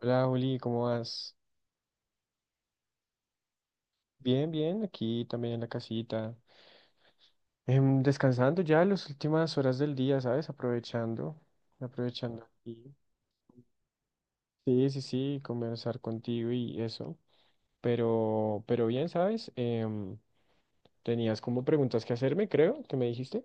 Hola Juli, ¿cómo vas? Bien, bien, aquí también en la casita. Descansando ya las últimas horas del día, ¿sabes? Aprovechando, aprovechando aquí. Sí, sí, sí, conversar contigo y eso. Pero bien, ¿sabes? Tenías como preguntas que hacerme, creo, que me dijiste.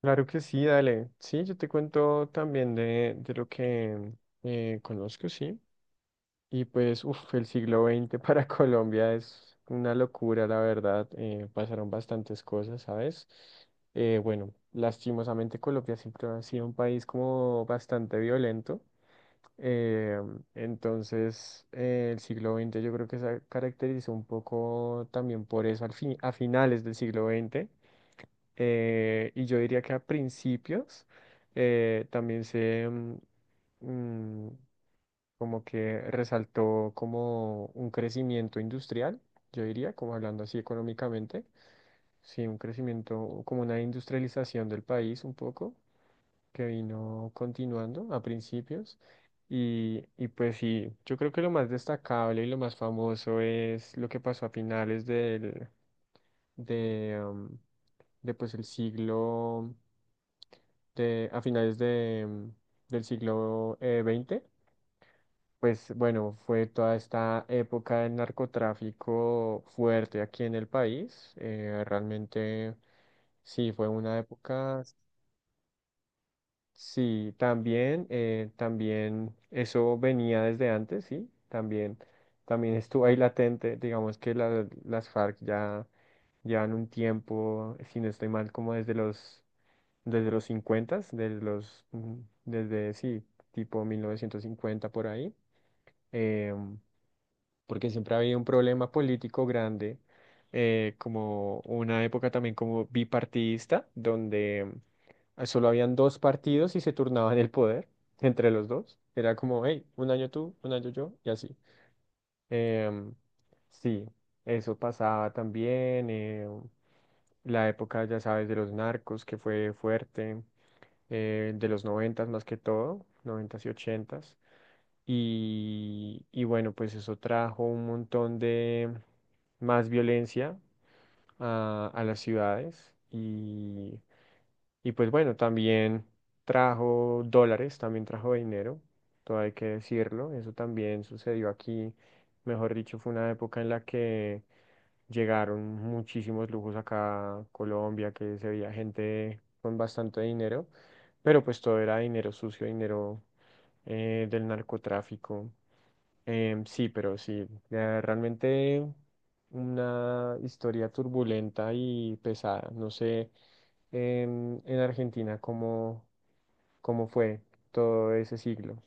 Claro que sí, dale. Sí, yo te cuento también de lo que conozco, sí. Y pues, uff, el siglo XX para Colombia es una locura, la verdad. Pasaron bastantes cosas, ¿sabes? Bueno, lastimosamente Colombia siempre ha sido un país como bastante violento. eh, entonces, el siglo XX yo creo que se caracterizó un poco también por eso al fin, a finales del siglo XX. Y yo diría que a principios también se... mm, como que resaltó como un crecimiento industrial, yo diría, como hablando así económicamente, sí, un crecimiento, como una industrialización del país un poco, que vino continuando a principios. Y pues sí, yo creo que lo más destacable y lo más famoso es lo que pasó a finales del, de, de pues el siglo, de, a finales de, del siglo veinte, pues bueno, fue toda esta época del narcotráfico fuerte aquí en el país. Realmente sí, fue una época, sí, también, también eso venía desde antes, sí, también, también estuvo ahí latente. Digamos que las FARC ya llevan un tiempo, si no estoy mal, como desde los 50, desde los, mm, desde, sí, tipo 1950 por ahí. em, Porque siempre había un problema político grande, como una época también como bipartidista, donde solo habían dos partidos y se turnaban el poder entre los dos. Era como, hey, un año tú, un año yo, y así. Em, sí, eso pasaba también. La época, ya sabes, de los narcos, que fue fuerte, de los noventas más que todo, noventas y ochentas. Y bueno, pues eso trajo un montón de más violencia a las ciudades. Y pues bueno, también trajo dólares, también trajo dinero, todo hay que decirlo. Eso también sucedió aquí. Mejor dicho, fue una época en la que llegaron muchísimos lujos acá a Colombia, que se veía gente con bastante dinero, pero pues todo era dinero sucio, dinero del narcotráfico. Sí, pero sí, realmente una historia turbulenta y pesada. No sé, en Argentina cómo, cómo fue todo ese siglo.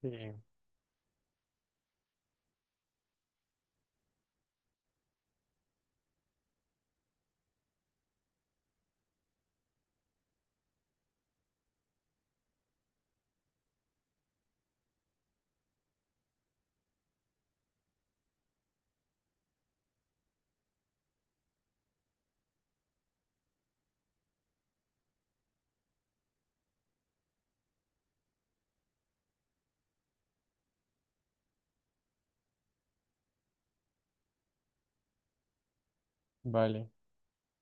Sí, vale.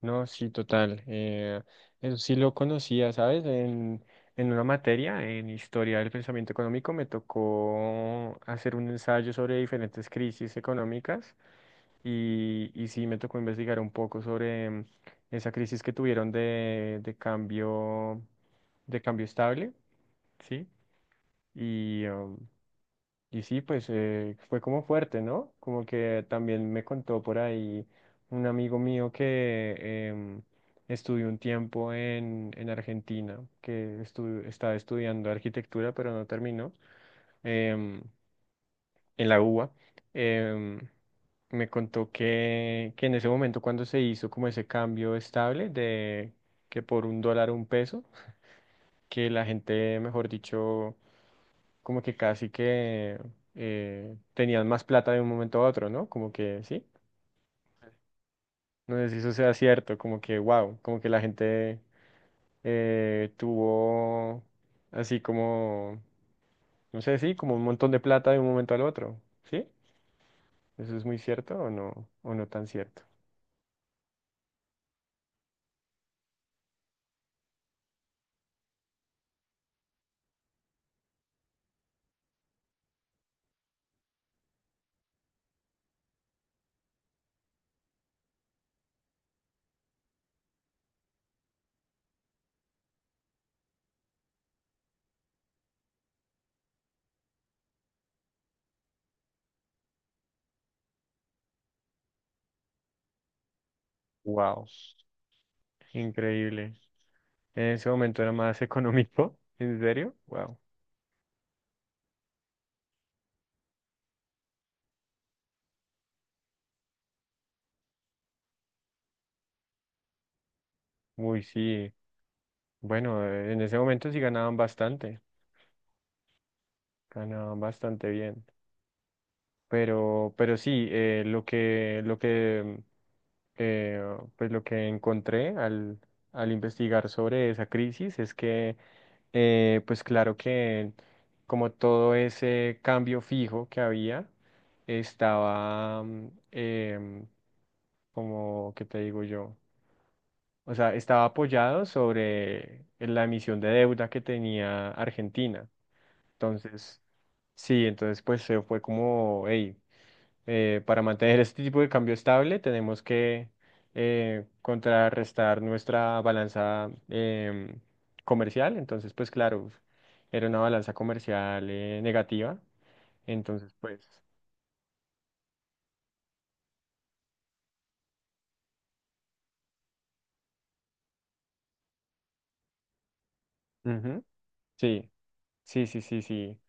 No, sí, total. Eso sí lo conocía, ¿sabes? En una materia, en Historia del Pensamiento Económico, me tocó hacer un ensayo sobre diferentes crisis económicas. Y sí me tocó investigar un poco sobre esa crisis que tuvieron de cambio, de cambio estable, ¿sí? Y, um, y sí, pues fue como fuerte, ¿no? Como que también me contó por ahí un amigo mío que em, estudió un tiempo en Argentina, que estaba estudiando arquitectura, pero no terminó. Em, en la UBA, em, me contó que en ese momento cuando se hizo como ese cambio estable de que por un dólar un peso, que la gente, mejor dicho, como que casi que tenían más plata de un momento a otro, ¿no? Como que sí, no sé si eso sea cierto, como que wow, como que la gente tuvo así como, no sé, sí, como un montón de plata de un momento al otro, ¿sí? ¿Eso es muy cierto o no tan cierto? Wow. Increíble. En ese momento era más económico. ¿En serio? Wow. Uy, sí. Bueno, en ese momento sí ganaban bastante. Ganaban bastante bien. Pero sí, eh, pues lo que encontré al investigar sobre esa crisis es que, pues claro que como todo ese cambio fijo que había, estaba, como, ¿qué te digo yo? O sea, estaba apoyado sobre la emisión de deuda que tenía Argentina. Entonces, sí, entonces pues se fue como, hey, para mantener este tipo de cambio estable tenemos que contrarrestar nuestra balanza comercial. Entonces, pues claro, era una balanza comercial negativa. Entonces, pues, ujú, sí, sí, sí, sí, sí.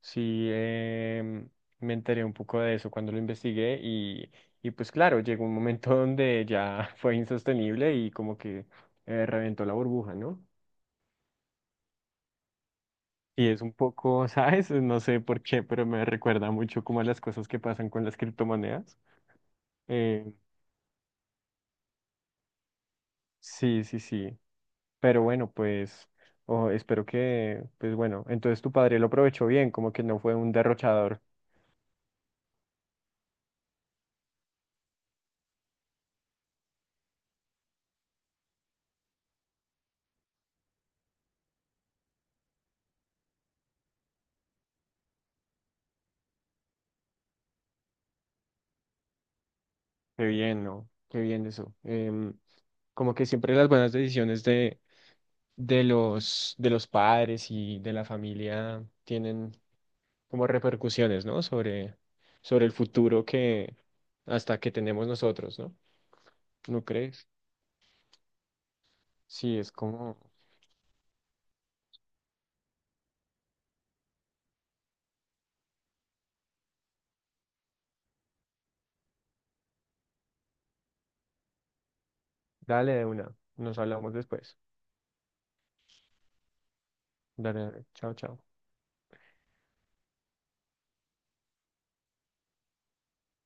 Sí, me enteré un poco de eso cuando lo investigué y pues claro, llegó un momento donde ya fue insostenible y como que reventó la burbuja, ¿no? Y es un poco, ¿sabes? No sé por qué, pero me recuerda mucho como a las cosas que pasan con las criptomonedas. Eh, sí, sí, sí. Pero bueno, pues oh, espero que, pues bueno, entonces tu padre lo aprovechó bien, como que no fue un derrochador. Qué bien, ¿no? Qué bien eso. Como que siempre las buenas decisiones de los padres y de la familia tienen como repercusiones, ¿no? Sobre, sobre el futuro que hasta que tenemos nosotros, ¿no? ¿No crees? Sí, es como, dale de una, nos hablamos después. Dale, dale. Chao, chao.